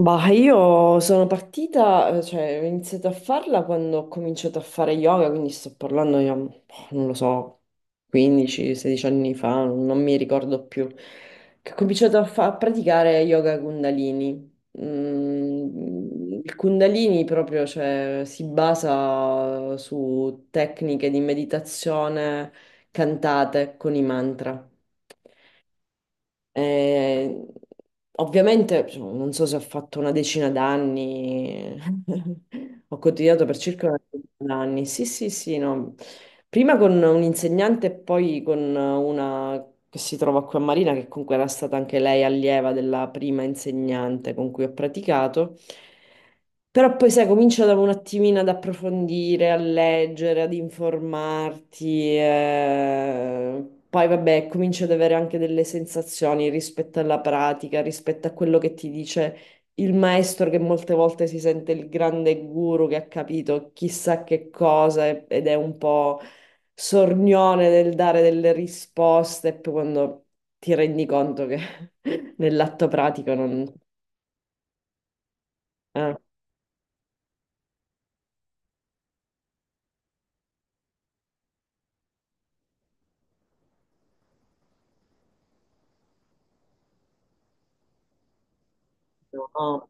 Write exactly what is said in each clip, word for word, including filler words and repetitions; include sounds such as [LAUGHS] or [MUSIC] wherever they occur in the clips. Bah, io sono partita, eh, cioè ho iniziato a farla quando ho cominciato a fare yoga, quindi sto parlando, io, boh, non lo so, quindici sedici anni fa, non, non mi ricordo più, che ho cominciato a, fa- a praticare yoga Kundalini. Mm, il Kundalini proprio, cioè, si basa su tecniche di meditazione cantate con i mantra. Eh, ovviamente, insomma, non so se ho fatto una decina d'anni, [LAUGHS] ho continuato per circa una decina d'anni. Sì, sì, sì, no. Prima con un insegnante e poi con una che si trova qui a Marina, che comunque era stata anche lei allieva della prima insegnante con cui ho praticato. Però poi sai, comincia da un attimino ad approfondire, a leggere, ad informarti, eh, poi vabbè, cominci ad avere anche delle sensazioni rispetto alla pratica, rispetto a quello che ti dice il maestro che molte volte si sente il grande guru che ha capito chissà che cosa e- ed è un po' sornione nel dare delle risposte, poi quando ti rendi conto che [LAUGHS] nell'atto pratico non... eh, no.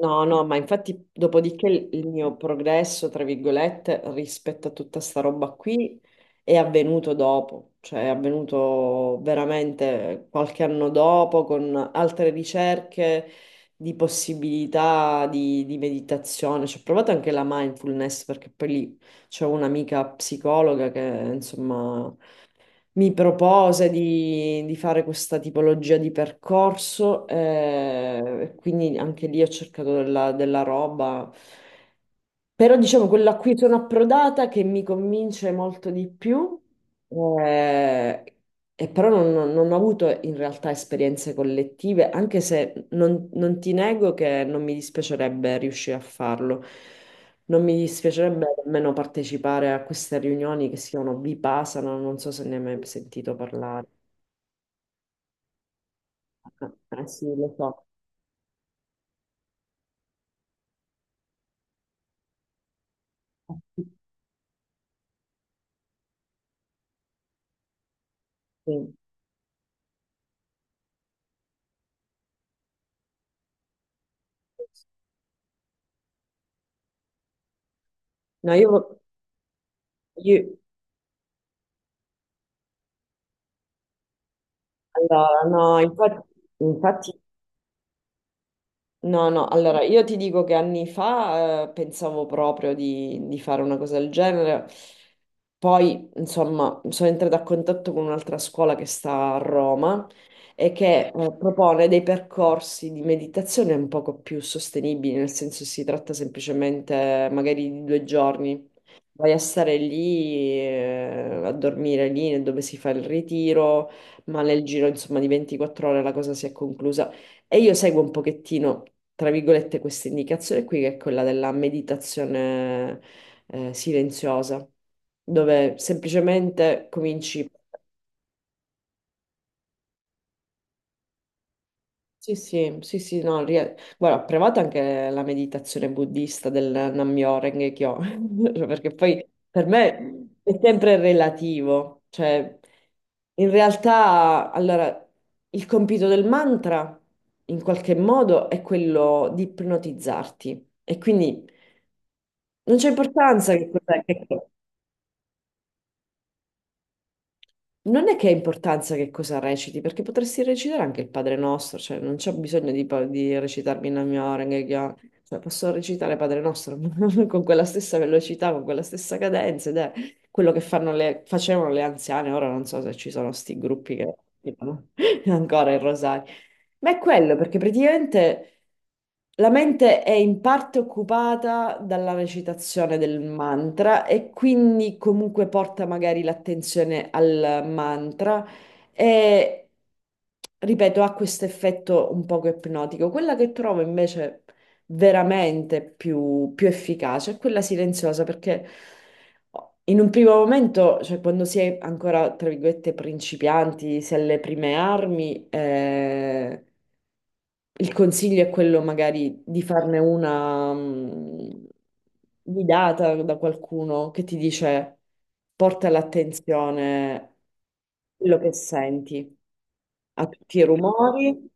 No, no, ma infatti dopodiché il il mio progresso, tra virgolette, rispetto a tutta sta roba qui è avvenuto dopo, cioè è avvenuto veramente qualche anno dopo con altre ricerche di possibilità di, di meditazione. Ci ho provato anche la mindfulness perché poi lì c'è un'amica psicologa che insomma mi propose di, di fare questa tipologia di percorso, eh, quindi anche lì ho cercato della, della roba. Però diciamo quella a cui sono approdata che mi convince molto di più, eh, e però non, non- non ho avuto in realtà esperienze collettive, anche se non, non ti nego che non mi dispiacerebbe riuscire a farlo. Non mi dispiacerebbe nemmeno partecipare a queste riunioni che si chiamano Vipassana, non so se ne hai mai sentito parlare. Eh sì, lo so. Sì. No, io, io- allora, no, infatti, infatti. No, no, allora io ti dico che anni fa eh, pensavo proprio di, di fare una cosa del genere, poi insomma sono entrata a contatto con un'altra scuola che sta a Roma e che eh, propone dei percorsi di meditazione un poco più sostenibili, nel senso si tratta semplicemente magari di due giorni. Vai a stare lì, eh, a dormire lì dove si fa il ritiro, ma nel giro, insomma, di ventiquattro ore la cosa si è conclusa. E io seguo un pochettino, tra virgolette, questa indicazione qui, che è quella della meditazione, eh, silenziosa, dove semplicemente cominci. Sì, sì, sì, sì, no, ri- guarda, ho provato anche la meditazione buddista del Nammyoho Kyo, [LAUGHS] cioè, perché poi per me è sempre relativo, cioè in realtà, allora, il compito del mantra in qualche modo è quello di ipnotizzarti e quindi non c'è importanza che cos'è. Non è che ha importanza che cosa reciti, perché potresti recitare anche il Padre Nostro, cioè non c'è bisogno di, pa- di recitarmi in mia Orenge, cioè posso recitare Padre Nostro [LAUGHS] con quella stessa velocità, con quella stessa cadenza, ed è quello che fanno le- facevano le anziane, ora non so se ci sono sti gruppi che [LAUGHS] recitano ancora il rosario, ma è quello, perché praticamente la mente è in parte occupata dalla recitazione del mantra e quindi comunque porta magari l'attenzione al mantra e, ripeto, ha questo effetto un poco ipnotico. Quella che trovo invece veramente più, più efficace è quella silenziosa, perché in un primo momento, cioè quando si è ancora, tra virgolette, principianti, si è alle prime armi, eh, il consiglio è quello magari di farne una mh, guidata da qualcuno che ti dice porta l'attenzione a quello che senti, a tutti i rumori.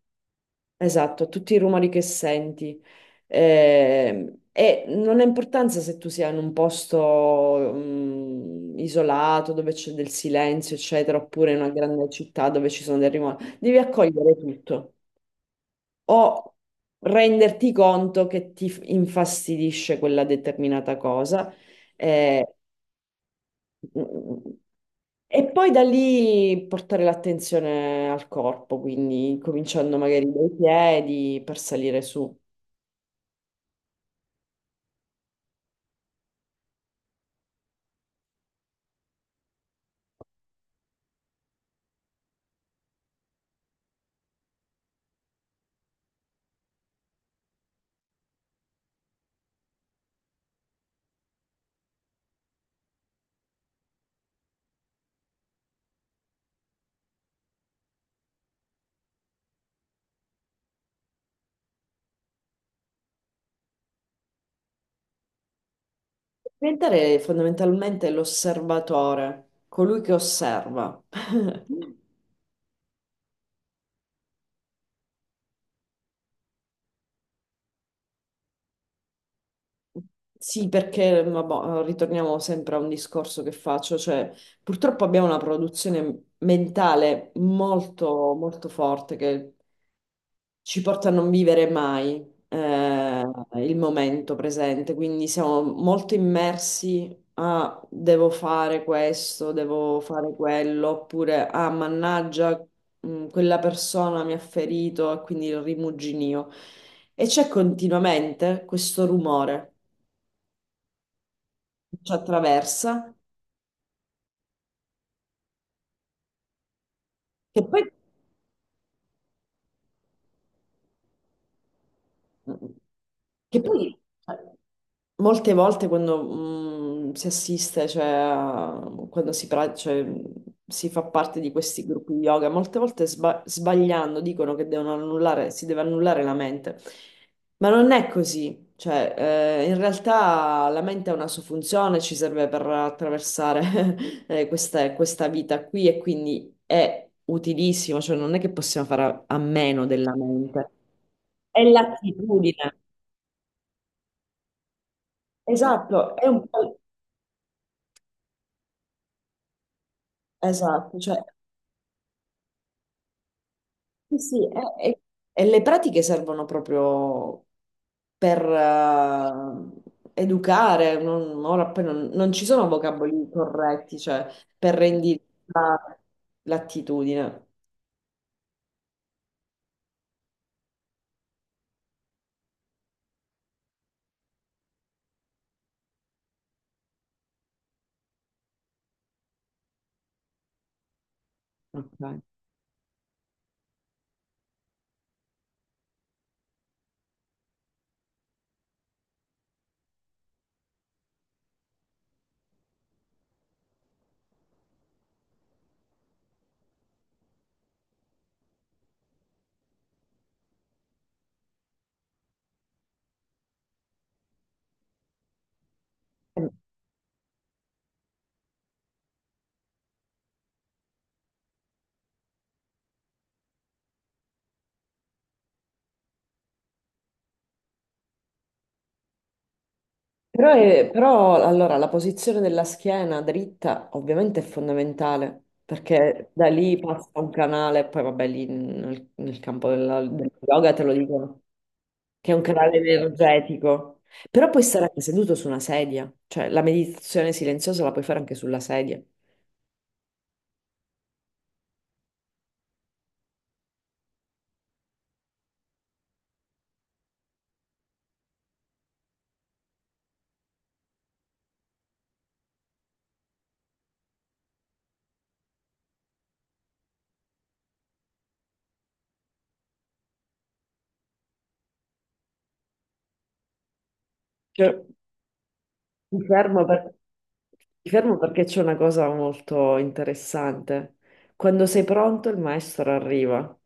Esatto, tutti i rumori che senti. Eh, e non ha importanza se tu sia in un posto mm, isolato dove c'è del silenzio, eccetera, oppure in una grande città dove ci sono dei rumori. Devi accogliere tutto o renderti conto che ti f- infastidisce quella determinata cosa. eh, mm, E poi da lì portare l'attenzione al corpo, quindi cominciando magari dai piedi per salire su. Diventare fondamentalmente l'osservatore, colui che osserva. [LAUGHS] Sì, perché vabbò, ritorniamo sempre a un discorso che faccio, cioè purtroppo abbiamo una produzione mentale molto, molto forte che ci porta a non vivere mai eh, il momento presente, quindi siamo molto immersi a devo fare questo, devo fare quello, oppure ah, mannaggia, mh, quella persona mi ha ferito e quindi il rimuginio. E c'è continuamente questo rumore ci attraversa, che poi, che poi molte volte quando mh, si assiste, cioè, a- quando si, pra- cioè, si fa parte di questi gruppi di yoga, molte volte sba- sbagliando dicono che devono annullare, si deve annullare la mente, ma non è così. Cioè, eh, in realtà la mente ha una sua funzione, ci serve per attraversare [LAUGHS] eh, questa, questa vita qui e quindi è utilissimo, cioè non è che possiamo fare a a meno della mente. È l'attitudine. Esatto, è un po' esatto, cioè sì, sì, e, e- e le pratiche servono proprio per eh, educare, non, ora poi non, non ci sono vocaboli corretti, cioè per rendire la- l'attitudine. Ok. Eh, però, è- però, allora la posizione della schiena dritta ovviamente è fondamentale perché da lì passa un canale, poi vabbè lì nel, nel campo della, del yoga te lo dicono che è un canale energetico. Però puoi stare anche seduto su una sedia, cioè la meditazione silenziosa la puoi fare anche sulla sedia. Cioè, mi fermo per- mi fermo perché c'è una cosa molto interessante. Quando sei pronto, il maestro arriva.